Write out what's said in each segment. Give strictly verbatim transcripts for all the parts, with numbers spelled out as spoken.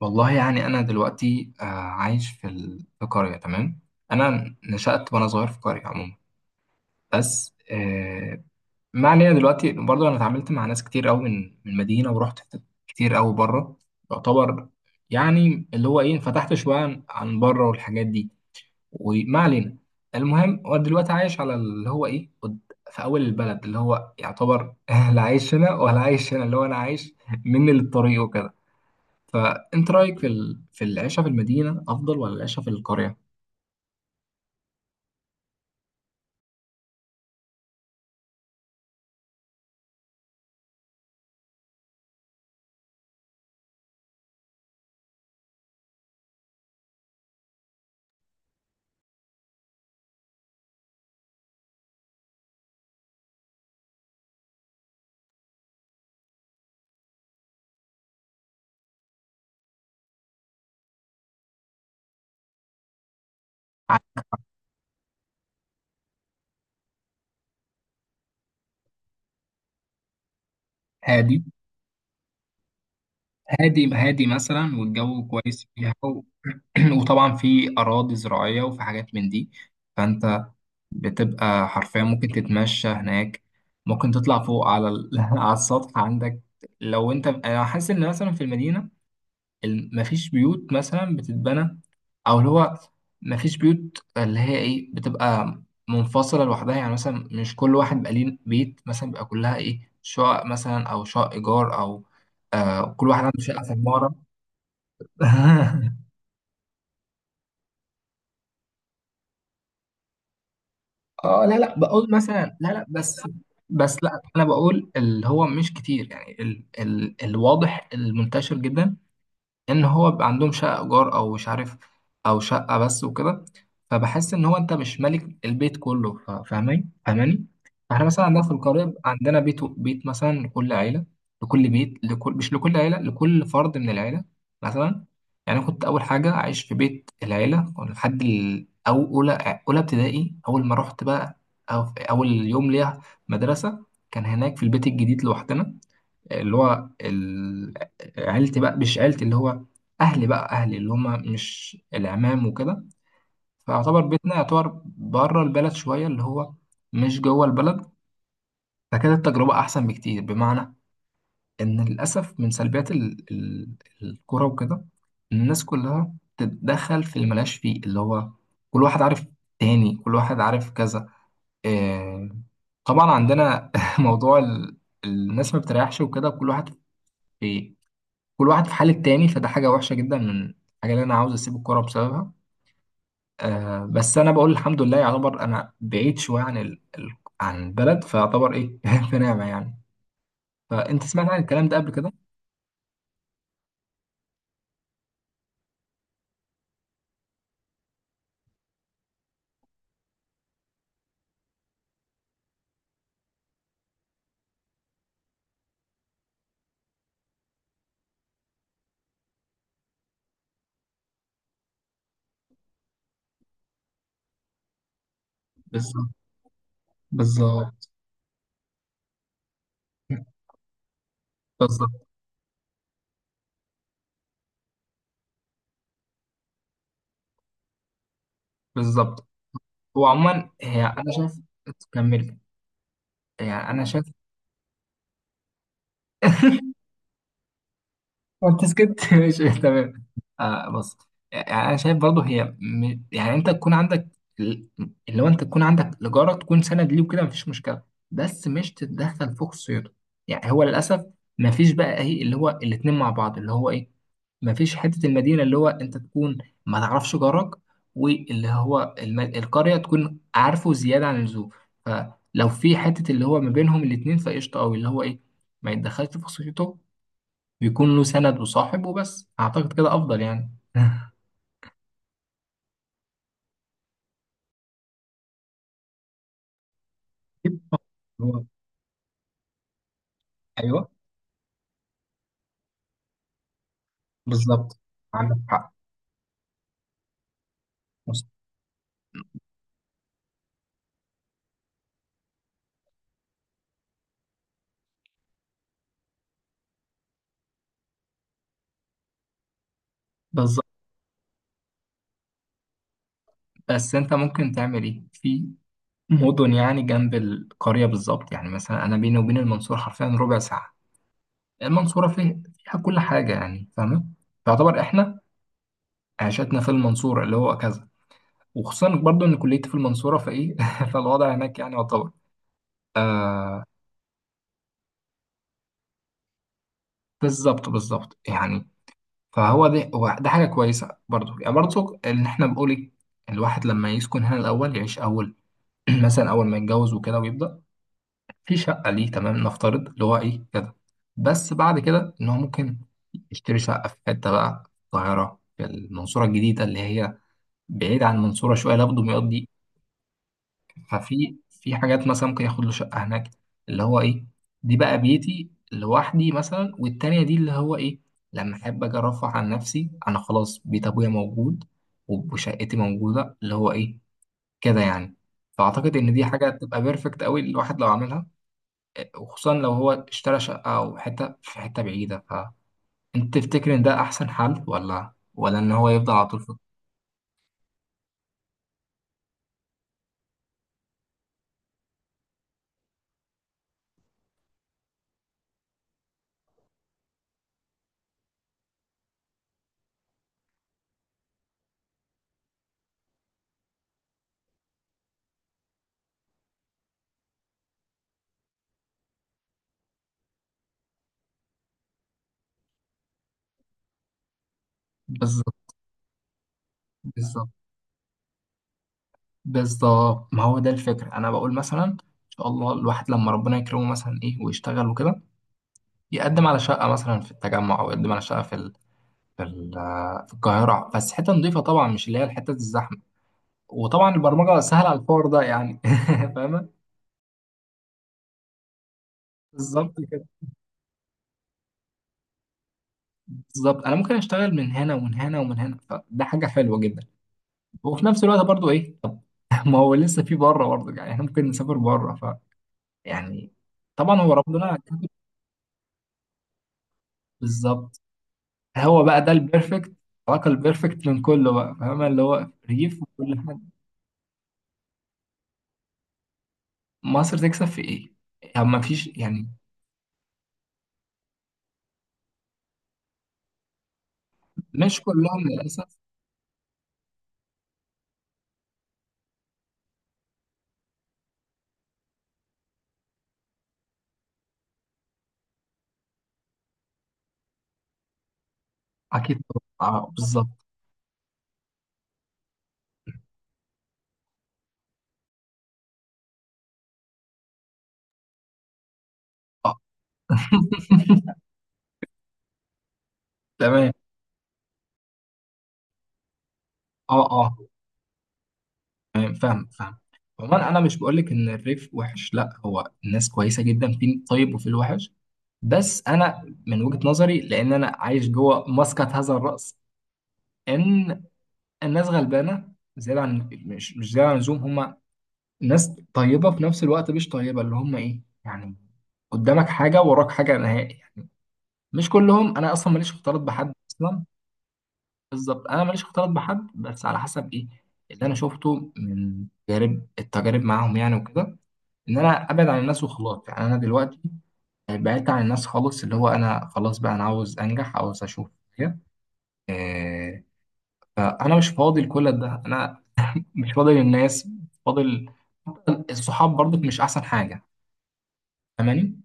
والله يعني أنا دلوقتي آه، عايش في ال- في قرية. تمام، أنا نشأت وأنا صغير في قرية عموما. بس آه، ما علينا. دلوقتي برضه أنا اتعاملت مع ناس كتير أوي من من المدينة، ورحت حتت كتير أوي بره. يعتبر يعني اللي هو إيه، انفتحت شوية عن عن بره والحاجات دي، وما علينا. المهم هو دلوقتي عايش على اللي هو إيه قد- في أول البلد اللي هو يعتبر لا عايش هنا ولا عايش هنا، اللي هو أنا عايش مني للطريق وكده. فانت رايك في ال... في العيشه في المدينه افضل ولا العيشه في القريه؟ هادي. هادي هادي مثلا، والجو كويس فيها و... وطبعا في اراضي زراعيه وفي حاجات من دي. فانت بتبقى حرفيا ممكن تتمشى هناك. ممكن تطلع فوق على ال... على السطح عندك. لو انت، انا حاسس ان مثلا في المدينه ال- مفيش بيوت مثلا بتتبنى، او اللي هو مفيش بيوت اللي هي ايه بتبقى منفصله لوحدها. يعني مثلا مش كل واحد بقى ليه بيت، مثلا بيبقى كلها ايه، شقق مثلا، او شقق ايجار، او آه كل واحد عنده شقه في عماره. اه، لا لا بقول مثلا، لا لا بس، بس لا انا بقول اللي هو مش كتير. يعني ال ال الواضح المنتشر جدا ان هو بيبقى عندهم شقه ايجار او مش عارف، او شقه بس وكده. فبحس ان هو انت مش مالك البيت كله، ف- فاهمين، فاهماني؟ احنا مثلا عندنا في القريه بيبقى عندنا بيت. بيت مثلا لكل عيله، لكل بيت، لكل، مش لكل عيله، لكل فرد من العيله مثلا. يعني أنا كنت اول حاجه عايش في بيت العيله لحد ال- او اولى اولى ابتدائي. اول ما رحت بقى، أو اول يوم ليا مدرسه، كان هناك في البيت الجديد لوحدنا. اللي هو ال- عيلتي بقى، مش عيلتي، اللي هو اهلي بقى. اهلي اللي هما مش العمام وكده. فيعتبر بيتنا يعتبر بره البلد شويه، اللي هو مش جوه البلد. فكانت التجربه احسن بكتير، بمعنى ان للاسف من سلبيات ال- ال- الكوره وكده، إن الناس كلها تتدخل في اللي ملهاش فيه، اللي هو كل واحد عارف، تاني كل واحد عارف كذا. إيه طبعا عندنا موضوع ال- الناس ما بتريحش وكده. كل واحد في، كل واحد في حال التاني. فده حاجة وحشة جدا، من الحاجة اللي أنا عاوز أسيب الكورة بسببها. آه بس أنا بقول الحمد لله، يعتبر أنا بعيد شوية عن ال... ال... عن البلد، فيعتبر إيه في نعمة يعني. فأنت سمعت عن الكلام ده قبل كده؟ بالظبط، بالظبط. بالظبط، بالظبط. هو عموما هي أنا شايف، كملت. يعني أنا شايف، وانت سكت. ماشي تمام. آه بص، يعني انا شايف برضه هي م... يعني انت تكون عندك ال- اللي هو انت تكون عندك الاجاره تكون سند ليه وكده، مفيش مشكله. بس مش تتدخل في خصوصيته. يعني هو للاسف مفيش بقى ايه اللي هو الاتنين مع بعض اللي هو ايه، مفيش حته المدينه اللي هو انت تكون ما تعرفش جارك، واللي هو الم... القريه تكون عارفه زياده عن اللزوم. فلو في حته اللي هو ما بينهم الاتنين، فقشطه قوي، اللي هو ايه ما يتدخلش في خصوصيته، بيكون له سند وصاحب وبس. اعتقد كده افضل يعني. هو ايوه. بالظبط، عندك حق. مص- بالظبط. بس انت ممكن تعمل ايه في مدن يعني جنب القريه؟ بالظبط. يعني مثلا انا بيني وبين المنصوره حرفيا ربع ساعه. المنصوره فيه، فيها كل حاجه يعني، فاهمه؟ فيعتبر احنا عيشتنا في المنصوره اللي هو كذا. وخصوصا برضو ان كليتي في المنصوره، فايه فالوضع هناك يعني يعتبر. بالظبط، بالظبط يعني. فهو ده، هو ده حاجة كويسة برضو. يعني برضو إن إحنا بنقول إيه، الواحد لما يسكن هنا الأول، يعيش أول مثلا أول ما يتجوز وكده، ويبدأ في شقة ليه تمام، نفترض اللي هو إيه كده. بس بعد كده إن هو ممكن يشتري شقة في حتة بقى في القاهرة، في المنصورة الجديدة اللي هي بعيد عن المنصورة شوية، لابد ما يقضي. ففي في حاجات مثلا ممكن ياخد له شقة هناك اللي هو ايه، دي بقى بيتي لوحدي مثلا، والتانية دي اللي هو ايه، لما احب اجي ارفه عن نفسي، انا خلاص بيت ابويا موجود وشقتي موجودة اللي هو ايه كده يعني. فاعتقد ان دي حاجة تبقى بيرفكت قوي الواحد لو عملها. وخصوصا لو هو اشترى شقة او حتة في حتة بعيدة. فانت تفتكر ان ده احسن حل، ولا ولا ان هو يفضل على طول في؟ بالظبط، بالظبط، بالظبط. ما هو ده الفكرة، أنا بقول مثلا إن شاء الله الواحد لما ربنا يكرمه مثلا إيه ويشتغل وكده، يقدم على شقة مثلا في التجمع، أو يقدم على شقة في ال... في ال... في القاهرة، بس حتة نظيفة طبعا، مش اللي هي الحتة الزحمة. وطبعا البرمجة سهلة على الحوار ده يعني. فاهمة؟ بالظبط كده. بالظبط، أنا ممكن أشتغل من هنا ومن هنا ومن هنا، فده حاجة حلوة جدا. وفي نفس الوقت برضو إيه طب ما هو لسه في بره برضو، يعني إحنا ممكن نسافر بره، ف يعني، طبعا هو ربنا كاتب. بالظبط. هو بقى ده البيرفكت، العلاقة البيرفكت بين كله بقى، فاهم اللي هو ريف وكل حاجة. مصر تكسب في ايه؟ يعني ما فيش يعني. مش كلهم للأسف. أكيد. طبعاً. اه بالظبط. اه. تمام. اه، اه، تمام، فاهم، فاهم. عموما انا مش بقول لك ان الريف وحش، لا، هو الناس كويسه جدا، في الطيب وفي الوحش. بس انا من وجهه نظري، لان انا عايش جوه مسقط هذا الراس، ان الناس غلبانه زياده عن، مش مش زياده عن اللزوم. هم ناس طيبة في نفس الوقت مش طيبة، اللي هم ايه يعني قدامك حاجة وراك حاجة نهائي يعني. مش كلهم، انا اصلا ماليش اختلاط بحد اصلا. بالظبط، انا ماليش اختلاط بحد، بس على حسب ايه اللي انا شفته من تجارب، التجارب معاهم يعني وكده. ان انا ابعد عن الناس وخلاص. يعني انا دلوقتي بعدت عن الناس خالص، اللي هو انا خلاص بقى انا عاوز انجح، عاوز اشوف حاجة. إيه فانا مش فاضي لكل ده، انا مش فاضي للناس، فاضل الصحاب برضك مش احسن حاجة. فاهماني؟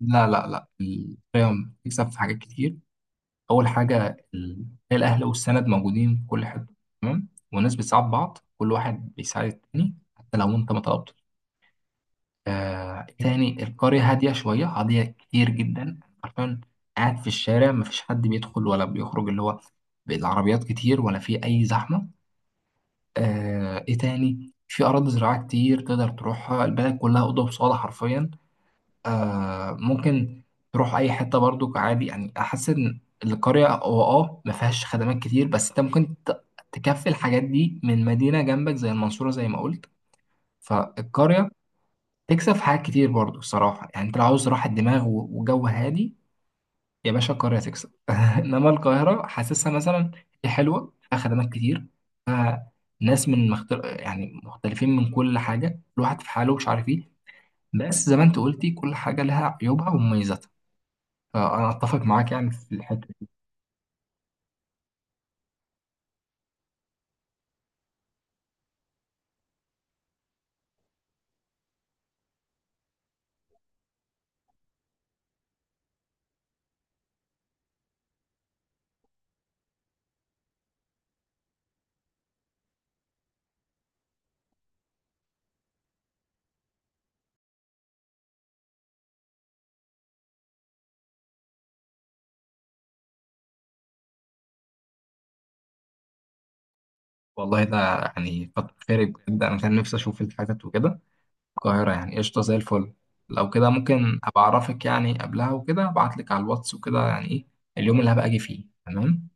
لا لا لا القيم بتكسب في حاجات كتير. أول حاجة ال- الأهل والسند موجودين في كل حتة، تمام. والناس بتساعد بعض، كل واحد بيساعد التاني حتى لو أنت ما طلبتش. آه تاني، القرية هادية شوية، هادية كتير جدا، عارفين قاعد في الشارع مفيش حد بيدخل ولا بيخرج، اللي هو بالعربيات كتير، ولا في أي زحمة. آه إيه تاني، في أراضي زراعية كتير تقدر تروحها، البلد كلها أوضة وصالة حرفيا. آه ممكن تروح اي حته برضو عادي يعني. احس ان القريه هو اه ما فيهاش خدمات كتير، بس انت ممكن ت- تكفي الحاجات دي من مدينه جنبك زي المنصوره، زي ما قلت. فالقريه تكسب في حاجات كتير برضو الصراحه. يعني انت لو عاوز راحه دماغ و- وجو هادي، يا باشا القريه تكسب. انما القاهره حاسسها مثلا هي حلوه، فيها خدمات كتير، فيها ناس من مختل... يعني مختلفين، من كل حاجه الواحد في حاله مش عارف ايه. بس زي ما انت قلتي كل حاجه لها عيوبها ومميزاتها. آه، انا اتفق معاك يعني في الحته دي. والله ده يعني كتر خيرك بجد، انا كان نفسي اشوف الحتت وكده. القاهره يعني قشطه زي الفل. لو كده ممكن ابقى اعرفك يعني قبلها وكده، ابعت لك على الواتس وكده يعني ايه اليوم اللي هبقى اجي فيه. تمام.